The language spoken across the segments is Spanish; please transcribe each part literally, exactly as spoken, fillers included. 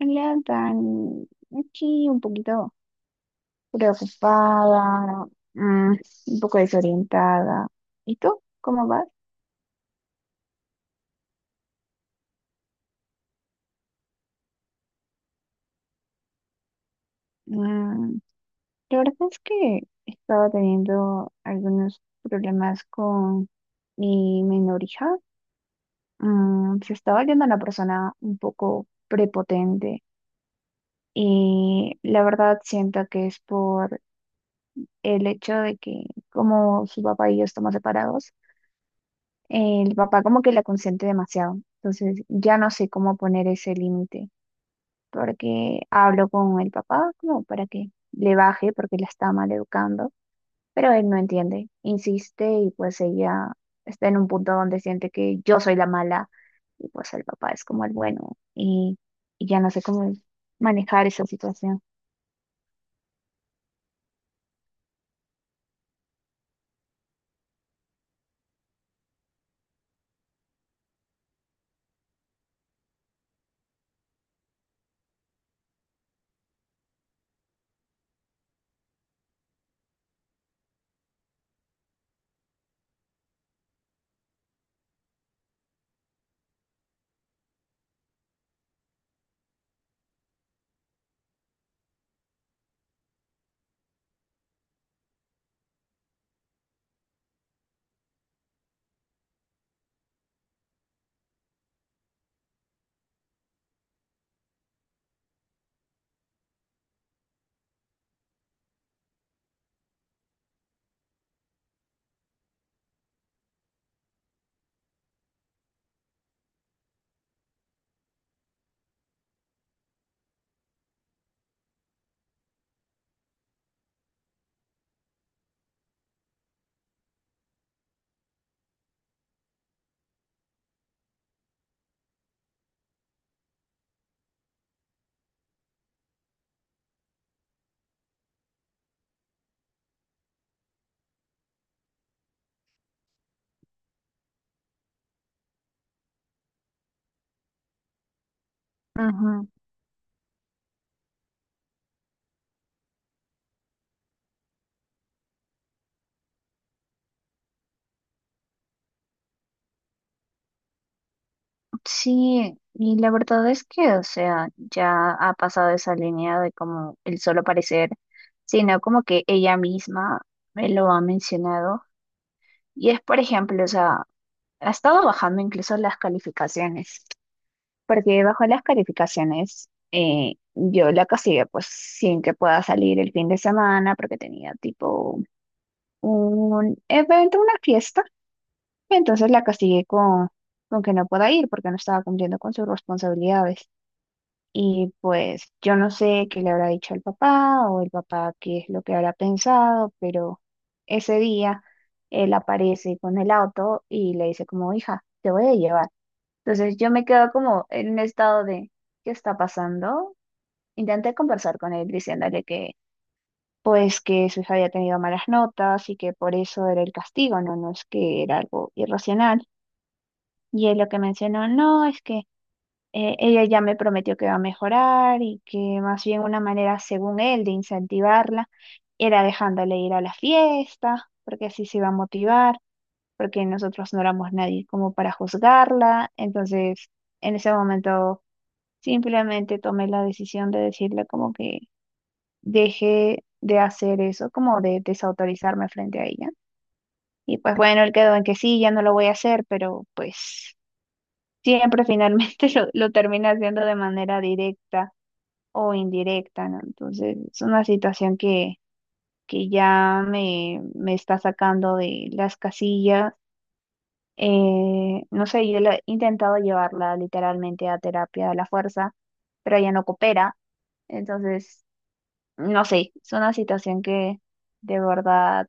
Hola, Dani. Aquí un poquito preocupada, mm, un poco desorientada. ¿Y tú? ¿Cómo vas? Mm, la verdad es que estaba teniendo algunos problemas con mi menor hija. Mm, se está volviendo una persona un poco prepotente y la verdad siento que es por el hecho de que como su papá y yo estamos separados, el papá como que la consiente demasiado. Entonces ya no sé cómo poner ese límite, porque hablo con el papá como para que le baje, porque la está mal educando, pero él no entiende, insiste y pues ella está en un punto donde siente que yo soy la mala y pues el papá es como el bueno y, y ya no sé cómo manejar esa situación. Sí, y la verdad es que, o sea, ya ha pasado esa línea de como el solo parecer, sino como que ella misma me lo ha mencionado. Y es, por ejemplo, o sea, ha estado bajando incluso las calificaciones, porque bajó las calificaciones, eh, yo la castigué pues sin que pueda salir el fin de semana, porque tenía tipo un evento, una fiesta, entonces la castigué con, con que no pueda ir porque no estaba cumpliendo con sus responsabilidades. Y pues yo no sé qué le habrá dicho al papá o el papá qué es lo que habrá pensado, pero ese día él aparece con el auto y le dice como, hija, te voy a llevar. Entonces yo me quedo como en un estado de, ¿qué está pasando? Intenté conversar con él diciéndole que pues que su hija había tenido malas notas y que por eso era el castigo, no, no es que era algo irracional. Y él lo que mencionó, no, es que eh, ella ya me prometió que va a mejorar y que más bien una manera, según él, de incentivarla era dejándole ir a la fiesta, porque así se iba a motivar, porque nosotros no éramos nadie como para juzgarla. Entonces, en ese momento, simplemente tomé la decisión de decirle como que dejé de hacer eso, como de desautorizarme frente a ella. Y pues bueno, él quedó en que sí, ya no lo voy a hacer, pero pues siempre finalmente lo, lo termina haciendo de manera directa o indirecta, ¿no? Entonces, es una situación que, que ya me, me está sacando de las casillas. Eh, no sé, yo la- he intentado llevarla literalmente a terapia de la fuerza, pero ella no coopera. Entonces, no sé, es una situación que de verdad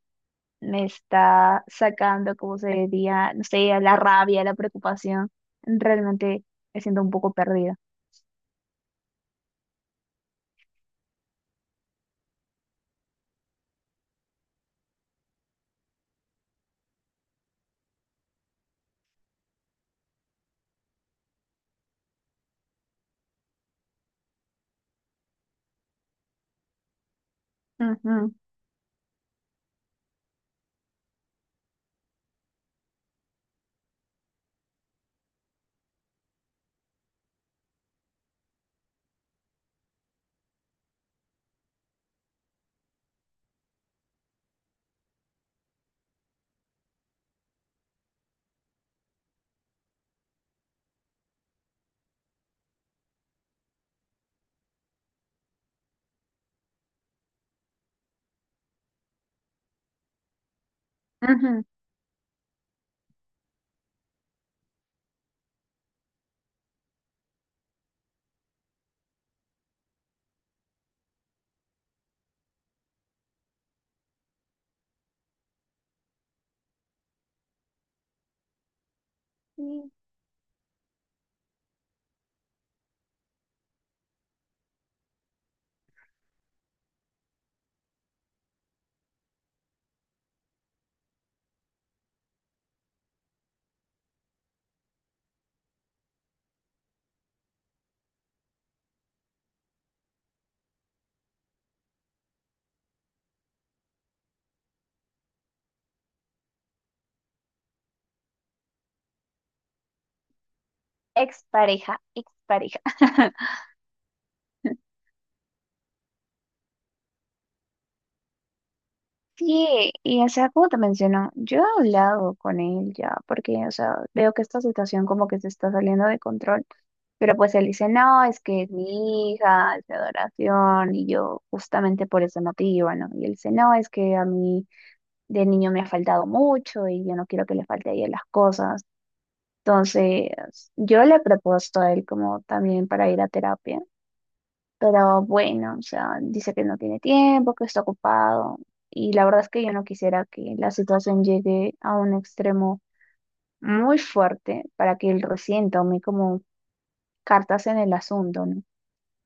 me está sacando, como se diría, no sé, la rabia, la preocupación. Realmente me siento un poco perdida. Ujú, ujú. Expareja, expareja. Sí, y o sea, como te menciono, yo he hablado con él ya, porque, o sea, veo que esta situación como que se está saliendo de control, pero pues él dice, no, es que es mi hija, es mi adoración, y yo justamente por ese motivo, ¿no? Y él dice, no, es que a mí de niño me ha faltado mucho y yo no quiero que le falte a ella las cosas. Entonces, yo le he propuesto a él como también para ir a terapia. Pero bueno, o sea, dice que no tiene tiempo, que está ocupado. Y la verdad es que yo no quisiera que la situación llegue a un extremo muy fuerte para que él recién tome como cartas en el asunto, ¿no?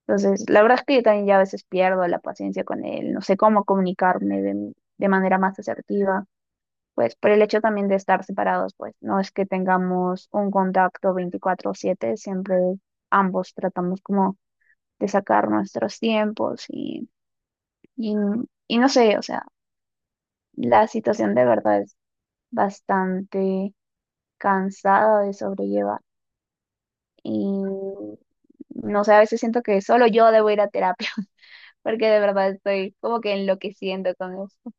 Entonces, la verdad es que yo también ya a veces pierdo la paciencia con él, no sé cómo comunicarme de, de manera más asertiva. Pues por el hecho también de estar separados, pues no es que tengamos un contacto veinticuatro siete, siempre ambos tratamos como de sacar nuestros tiempos y Y, y no sé, o sea, la situación de verdad es bastante cansada de sobrellevar. Y no sé, a veces siento que solo yo debo ir a terapia, porque de verdad estoy como que enloqueciendo con esto.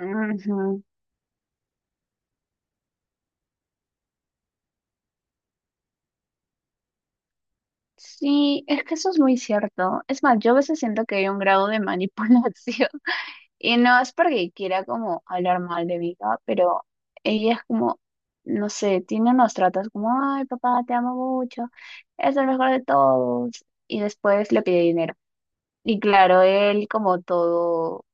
Ujú. Sí, es que eso es muy cierto. Es más, yo a veces siento que hay un grado de manipulación. Y no es porque quiera como hablar mal de Vika, pero ella es como, no sé, tiene unos tratos como, ay, papá, te amo mucho, es el mejor de todos. Y después le pide dinero. Y claro, él como todo,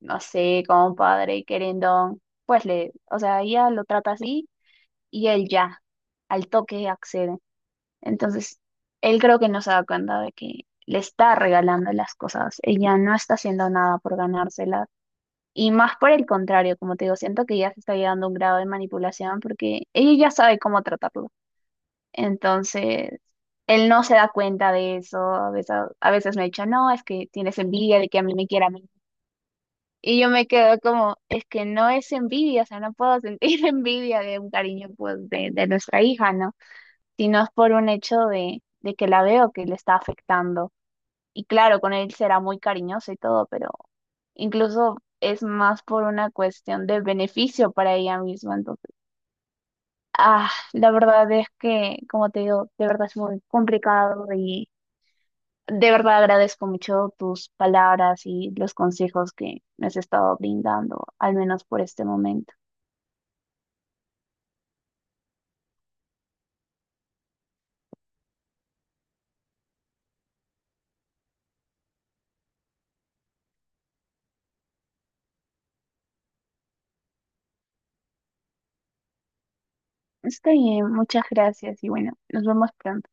no sé, como un padre y querendón, pues le, o sea, ella lo trata así y él ya, al toque accede. Entonces, él creo que no se da cuenta de que le está regalando las cosas. Ella no está haciendo nada por ganárselas y más por el contrario, como te digo, siento que ya se está llegando a un grado de manipulación porque ella ya sabe cómo tratarlo. Entonces, él no se da cuenta de eso. A veces, a veces me ha dicho, no, es que tienes envidia de que a mí me quiera a mí. Y yo me quedo como, es que no es envidia, o sea, no puedo sentir envidia de un cariño pues, de, de nuestra hija, ¿no? Sino es por un hecho de, de que la veo que le está afectando y claro, con él será muy cariñoso y todo, pero incluso es más por una cuestión de beneficio para ella misma. Entonces, ah, la verdad es que, como te digo, de verdad es muy complicado y de verdad agradezco mucho tus palabras y los consejos que me has estado brindando, al menos por este momento. Está bien, muchas gracias y bueno, nos vemos pronto.